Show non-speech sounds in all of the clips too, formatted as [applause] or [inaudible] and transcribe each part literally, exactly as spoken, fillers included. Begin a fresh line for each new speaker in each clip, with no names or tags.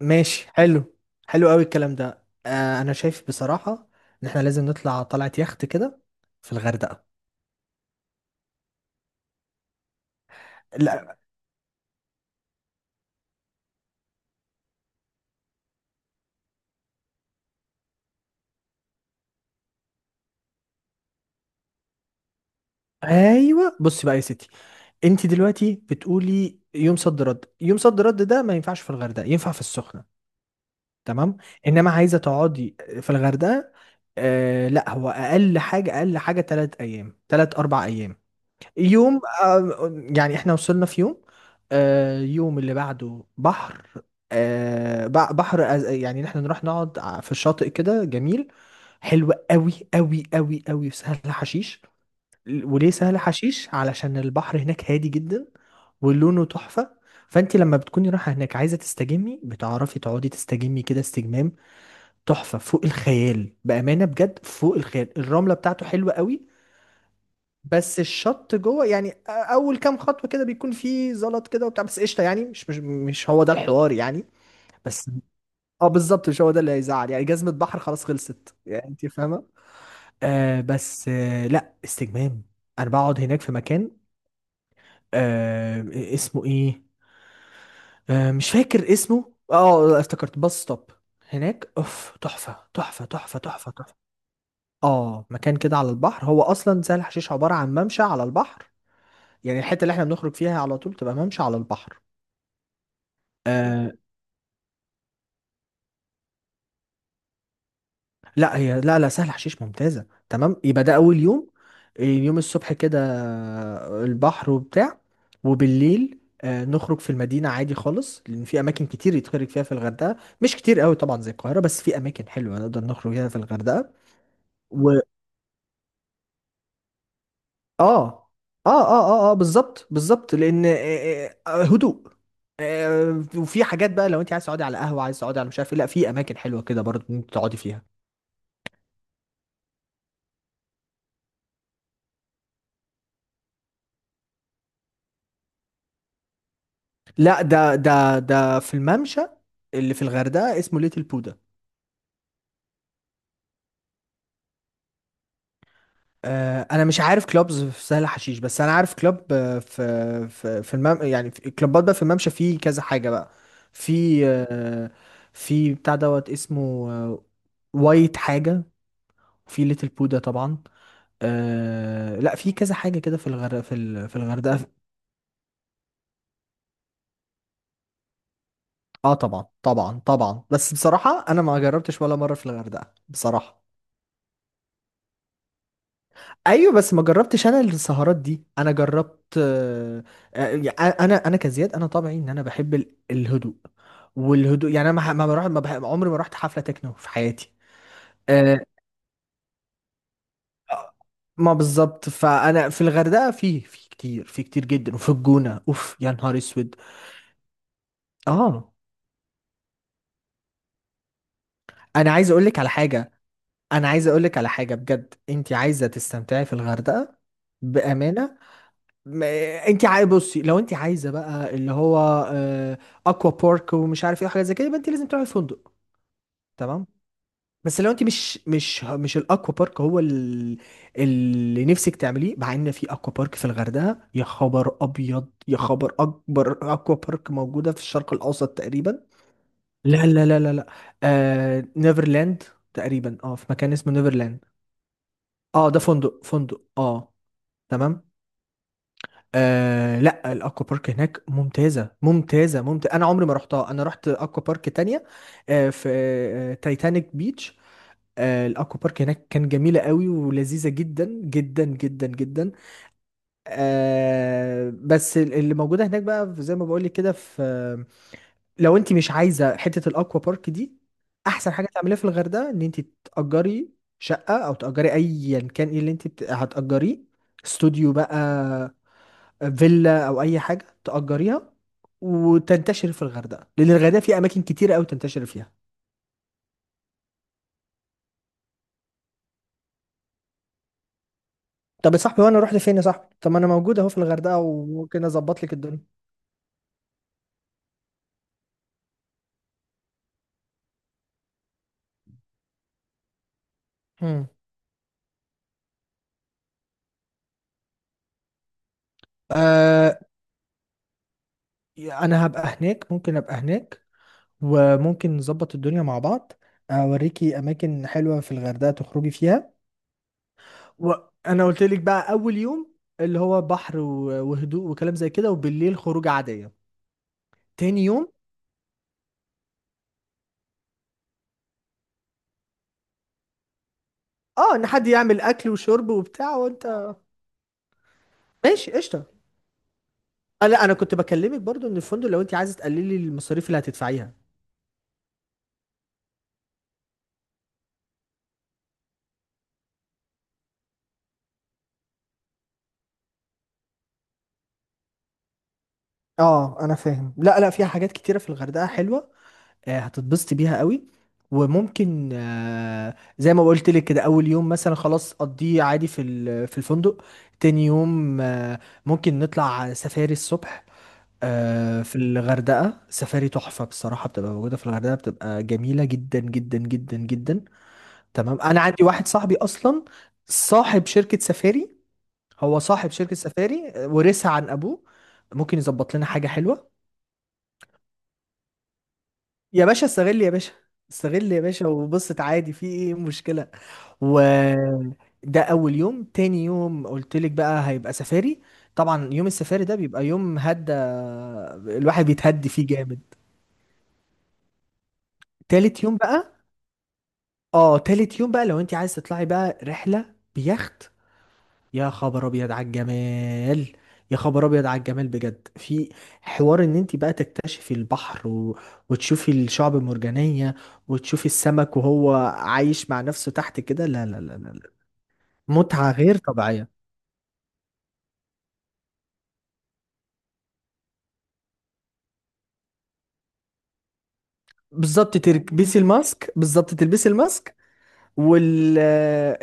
ماشي، حلو. حلو قوي الكلام ده. آه انا شايف بصراحة ان احنا لازم نطلع طلعة يخت كده في الغردقة. لا. ايوه بصي بقى يا ستي، انت دلوقتي بتقولي يوم صد رد، يوم صد رد ده ما ينفعش في الغردقة، ينفع في السخنة. تمام. انما عايزة تقعدي في الغردقة، آه لا هو اقل حاجة، اقل حاجة تلات ايام، تلات اربع ايام. يوم آه، يعني احنا وصلنا في يوم، آه، يوم اللي بعده بحر، آه، بع- بحر أز- يعني احنا نروح نقعد ع- في الشاطئ كده جميل، حلو قوي قوي قوي قوي في سهل حشيش. ل- وليه سهل حشيش؟ علشان البحر هناك هادي جدا ولونه تحفة. فانت لما بتكوني رايحة هناك عايزة تستجمي، بتعرفي تقعدي تستجمي كده، استجمام تحفة فوق الخيال، بأمانة بجد فوق الخيال. الرملة بتاعته حلوة قوي، بس الشط جوه يعني اول كام خطوه كده بيكون فيه زلط كده وبتاع، بس قشطه، يعني مش مش مش هو ده الحوار يعني. بس اه بالظبط، مش هو ده اللي هيزعل، يعني جزمه بحر خلاص خلصت، يعني انت فاهمه. آه بس آه لا استجمام. انا بقعد هناك في مكان آه اسمه ايه، آه مش فاكر اسمه، اه افتكرت، باص ستوب. هناك اوف، تحفه تحفه تحفه تحفه تحفه. اه مكان كده على البحر، هو اصلا سهل حشيش عباره عن ممشى على البحر. يعني الحته اللي احنا بنخرج فيها على طول تبقى ممشى على البحر. آه لا هي، لا لا سهل حشيش ممتازه. تمام، يبقى ده اول يوم. اليوم الصبح كده آه، البحر وبتاع، وبالليل آه نخرج في المدينه عادي خالص، لان في اماكن كتير يتخرج فيها في الغردقه، مش كتير قوي طبعا زي القاهره، بس في اماكن حلوه نقدر نخرج فيها في الغردقه. و اه اه اه اه اه بالظبط بالظبط، لان آه، آه، آه، هدوء. آه، وفي حاجات بقى، لو انت عايز تقعدي على قهوه، عايز تقعدي على مش عارف ايه، لا في اماكن حلوه كده برضه انت تقعدي فيها. لا ده ده ده في الممشى اللي في الغردقة اسمه ليتل بودا. آه انا مش عارف كلوبز في سهل حشيش، بس انا عارف كلوب آه، في في في المم يعني في كلوبات بقى في الممشى، في كذا حاجة بقى، في آه في بتاع دوت اسمه آه وايت حاجة، في ليتل بودا طبعا. آه لا في كذا حاجة كده في الغردقة، في ال- في الغردقة. اه طبعا طبعا طبعا، بس بصراحة انا ما جربتش ولا مرة في الغردقة بصراحة. ايوه بس ما جربتش انا السهرات دي. انا جربت آه، آه، آه، انا انا كزياد انا طبيعي ان انا بحب ال- الهدوء، والهدوء يعني انا ما ح- ما بروح ما بح- عمري ما رحت حفله تكنو في حياتي. آه، آه، ما بالظبط. فانا في الغردقه في في كتير في كتير جدا، وفي الجونه اوف يا نهار اسود. اه انا عايز اقول لك على حاجه، انا عايز اقول لك على حاجه بجد. انت عايزه تستمتعي في الغردقه بامانه، ما- انت عاي بصي، لو انت عايزه بقى اللي هو آه، اكوا بارك ومش عارف ايه وحاجات زي كده يبقى انت لازم تروحي فندق. تمام. بس لو انت مش مش مش الاكوا بارك هو ال- اللي نفسك تعمليه، مع ان في اكوا بارك في الغردقه، يا خبر ابيض يا خبر اكبر، اكوا بارك موجوده في الشرق الاوسط تقريبا. لا لا لا لا لا. آه نيفرلاند تقريبا، اه في مكان اسمه نيفرلاند. اه ده فندق، فندق اه. تمام. آه لا الاكوا بارك هناك ممتازه ممتازه ممتازه، انا عمري ما رحتها. انا رحت اكوا بارك تانية آه في آه تايتانيك بيتش. آه الاكوا بارك هناك كان جميله قوي ولذيذه جدا جدا جدا جدا. آه بس ال- اللي موجوده هناك بقى في- زي ما بقول لك كده، في آه، لو انت مش عايزه حته الاكوا بارك دي، احسن حاجه تعمليها في الغردقه ان انت تاجري شقه، او تاجري ايا كان ايه اللي انت بت- هتاجريه، استوديو بقى، فيلا، او اي حاجه تاجريها وتنتشر في الغردقه، لان الغردقه في اماكن كتيره قوي تنتشر فيها. طب يا صاحبي وانا اروح لفين يا صاحبي؟ طب ما انا موجود اهو في الغردقه وممكن اظبط لك الدنيا. مم. آه انا هبقى هناك، ممكن ابقى هناك وممكن نظبط الدنيا مع بعض، اوريكي اماكن حلوه في الغردقه تخرجي فيها. وانا قلت لك بقى اول يوم اللي هو بحر و- وهدوء وكلام زي كده، وبالليل خروج عاديه. تاني يوم اه، ان حد يعمل اكل وشرب وبتاع وانت. ماشي قشطه. آه لا انا كنت بكلمك برضو ان الفندق لو انت عايزه تقللي المصاريف اللي هتدفعيها. اه انا فاهم. لا لا، فيها حاجات كتيرة في الغردقة حلوة، آه، هتتبسطي بيها قوي. وممكن آه، زي ما قلت لك كده اول يوم مثلا خلاص، قضيه عادي في ال- في الفندق. تاني يوم آه، ممكن نطلع سفاري الصبح. آه، في الغردقة سفاري تحفة بصراحة، بتبقى موجودة في الغردقة، بتبقى جميلة جدا جدا جدا جدا. تمام. انا عندي واحد صاحبي اصلا صاحب شركة سفاري، هو صاحب شركة سفاري ورثها عن أبوه. ممكن يظبط لنا حاجة حلوة. يا باشا استغل، يا باشا استغل يا باشا وبصت عادي، في ايه مشكلة؟ و ده أول يوم. تاني يوم قلتلك بقى هيبقى سفاري، طبعا يوم السفاري ده بيبقى يوم هدى، الواحد بيتهدي فيه جامد. تالت يوم بقى، اه تالت يوم بقى لو انت عايز تطلعي بقى رحلة بيخت، يا خبر ابيض على الجمال، يا خبر ابيض على الجمال بجد. في حوار ان انت بقى تكتشفي البحر و... وتشوفي الشعب المرجانية وتشوفي السمك وهو عايش مع نفسه تحت كده، لا لا لا لا لا. متعة غير طبيعية. بالظبط تلبسي الماسك، بالظبط تلبسي الماسك وال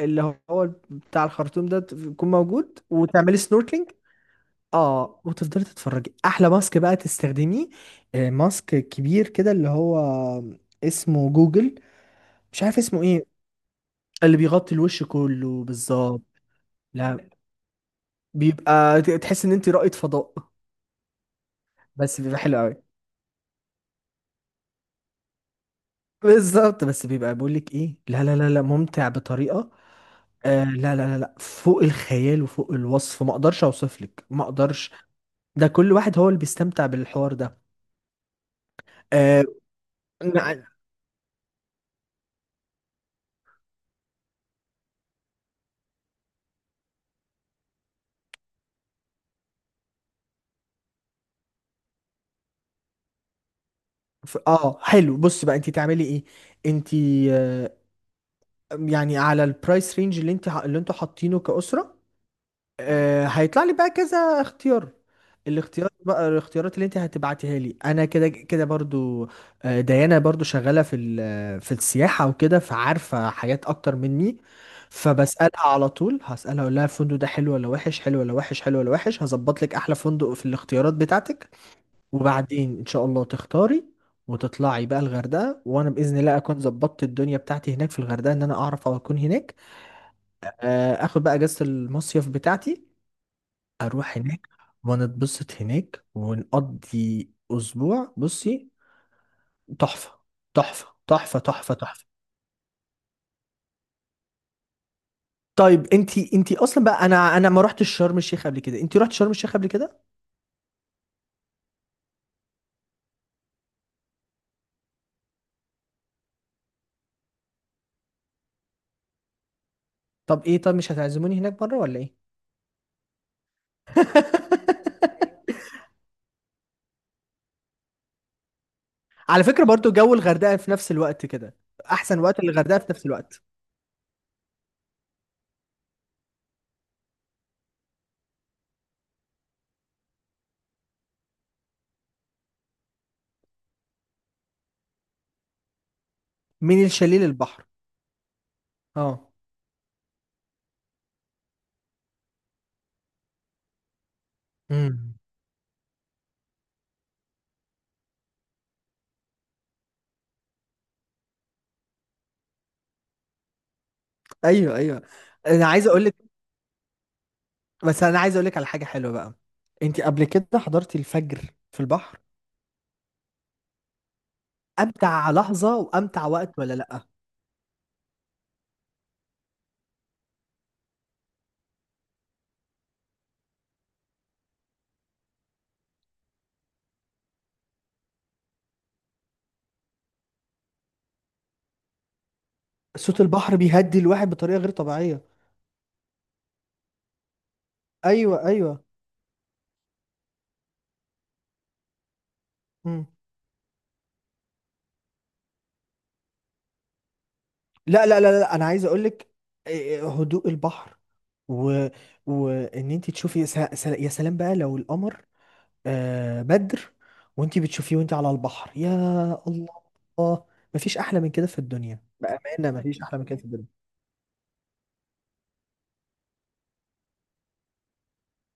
اللي هو بتاع الخرطوم ده يكون موجود، وتعملي سنوركلينج. اه وتفضلي تتفرجي. احلى ماسك بقى تستخدميه آه، ماسك كبير كده اللي هو اسمه جوجل، مش عارف اسمه ايه، اللي بيغطي الوش كله بالظبط. لا بيبقى ت- تحس ان انت رائد فضاء، بس بيبقى حلو قوي بالظبط، بس بيبقى بيقول لك ايه؟ لا لا لا لا ممتع بطريقة آه لا لا لا لا فوق الخيال وفوق الوصف، ما اقدرش اوصف لك ما اقدرش. ده كل واحد هو اللي بيستمتع بالحوار ده. آه ف- اه حلو. بص بقى انت تعملي ايه انت، آه، يعني على البرايس رينج اللي انت اللي انتوا حاطينه كأسرة، آه، هيطلع لي بقى كذا اختيار. الاختيار بقى الاختيارات اللي انت هتبعتيها لي انا كده كده برضو، آه، ديانا برضو شغالة في ال- في السياحة وكده، فعارفة حاجات اكتر مني. فبسألها على طول، هسألها اقول لها الفندق ده حلو ولا وحش، حلو ولا وحش، حلو ولا وحش. هظبط لك احلى فندق في الاختيارات بتاعتك. وبعدين ان شاء الله تختاري وتطلعي بقى الغردقه، وانا باذن الله اكون ظبطت الدنيا بتاعتي هناك في الغردقه ان انا اعرف اكون هناك. آه، اخد بقى اجازه المصيف بتاعتي، اروح هناك ونتبسط هناك ونقضي اسبوع. بصي تحفه تحفه تحفه تحفه تحفه. طيب انتي انتي اصلا بقى، انا انا ما رحتش شرم الشيخ قبل كده، انتي رحت شرم الشيخ قبل كده؟ طب ايه، طب مش هتعزموني هناك مره ولا ايه؟ [laughs] على فكرة برضو جو الغردقة في نفس الوقت كده، احسن وقت للغردقة في نفس الوقت. من الشاليه للبحر. اه. امم. ايوه ايوه. انا عايز اقول لك، بس انا عايز اقول لك على حاجة حلوة بقى. انت قبل كده حضرتي الفجر في البحر؟ امتع لحظة وامتع وقت، ولا لا؟ صوت البحر بيهدي الواحد بطريقة غير طبيعية. ايوه ايوه. مم. لا لا لا لا انا عايز اقول لك. هدوء البحر و... وان انت تشوفي يا س... يا سلام بقى، لو القمر آه، بدر وانتي بتشوفيه وانتي على البحر، يا الله. مفيش احلى من كده في الدنيا بأمانة، مفيش احلى من كده في الدنيا.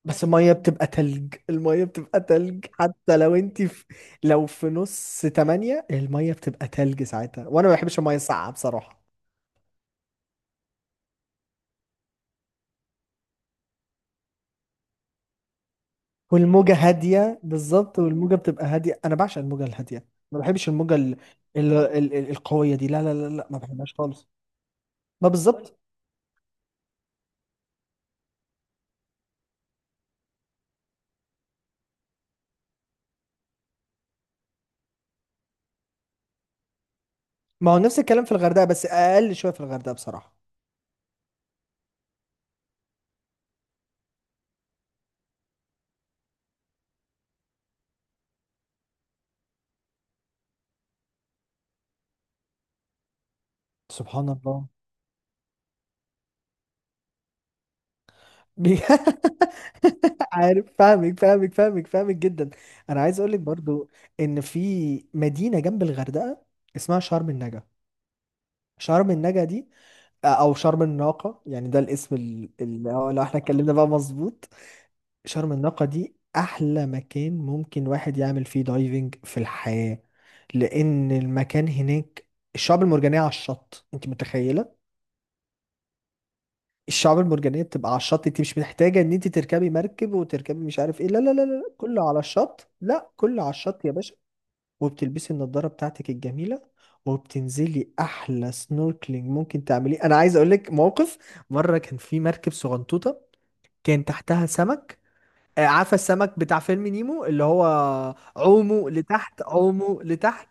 بس المية بتبقى تلج، المية بتبقى تلج حتى لو انتي في، لو في نص تمانية المية بتبقى تلج ساعتها، وانا ما بحبش المية الساقعة بصراحة. والموجة هادية، بالظبط والموجة بتبقى هادية، انا بعشق الموجة الهادية، ما بحبش الموجة ال... ال... ال... ال- القوية دي، لا لا لا لا ما بحبهاش خالص. ما بالظبط. ما هو نفس الكلام في الغردقة، بس اقل شوية في الغردقة بصراحة. سبحان الله. بي- [laughs] عارف، فاهمك فاهمك فاهمك فاهمك جدا. انا عايز اقول لك برضو ان في مدينه جنب الغردقه اسمها شرم النجا. شرم النجا دي، او شرم الناقه يعني ده الاسم ال- ال- آه، لو احنا اتكلمنا بقى مظبوط. شرم الناقه دي احلى مكان ممكن واحد يعمل فيه دايفنج في الحياه. لان المكان هناك الشعب المرجانيه على الشط انت متخيله؟ الشعاب المرجانية بتبقى على الشط، انت مش محتاجة ان انت تركبي مركب وتركبي مش عارف ايه، لا لا لا لا لا، كله على الشط، لا كله على الشط يا باشا. وبتلبسي النضارة بتاعتك الجميلة وبتنزلي احلى سنوركلينج ممكن تعمليه. انا عايز اقول لك موقف، مرة كان في مركب صغنطوطة، كان تحتها سمك آه، عارفة السمك بتاع فيلم نيمو اللي هو عومه لتحت عومه لتحت؟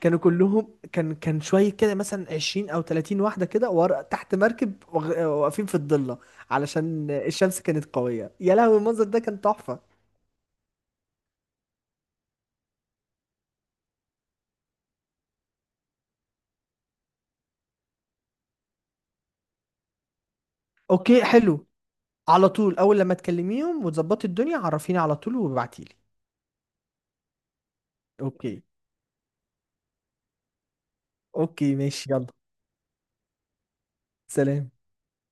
كانوا كلهم كان كان شويه كده مثلا عشرين او تلاتين واحده كده ورا تحت مركب وغ- واقفين في الضله علشان الشمس كانت قويه. يا لهوي المنظر ده كان تحفه. اوكي حلو. على طول اول لما تكلميهم وتظبطي الدنيا عرفيني على طول وابعتيلي. اوكي اوكي ماشي يلا. سلام.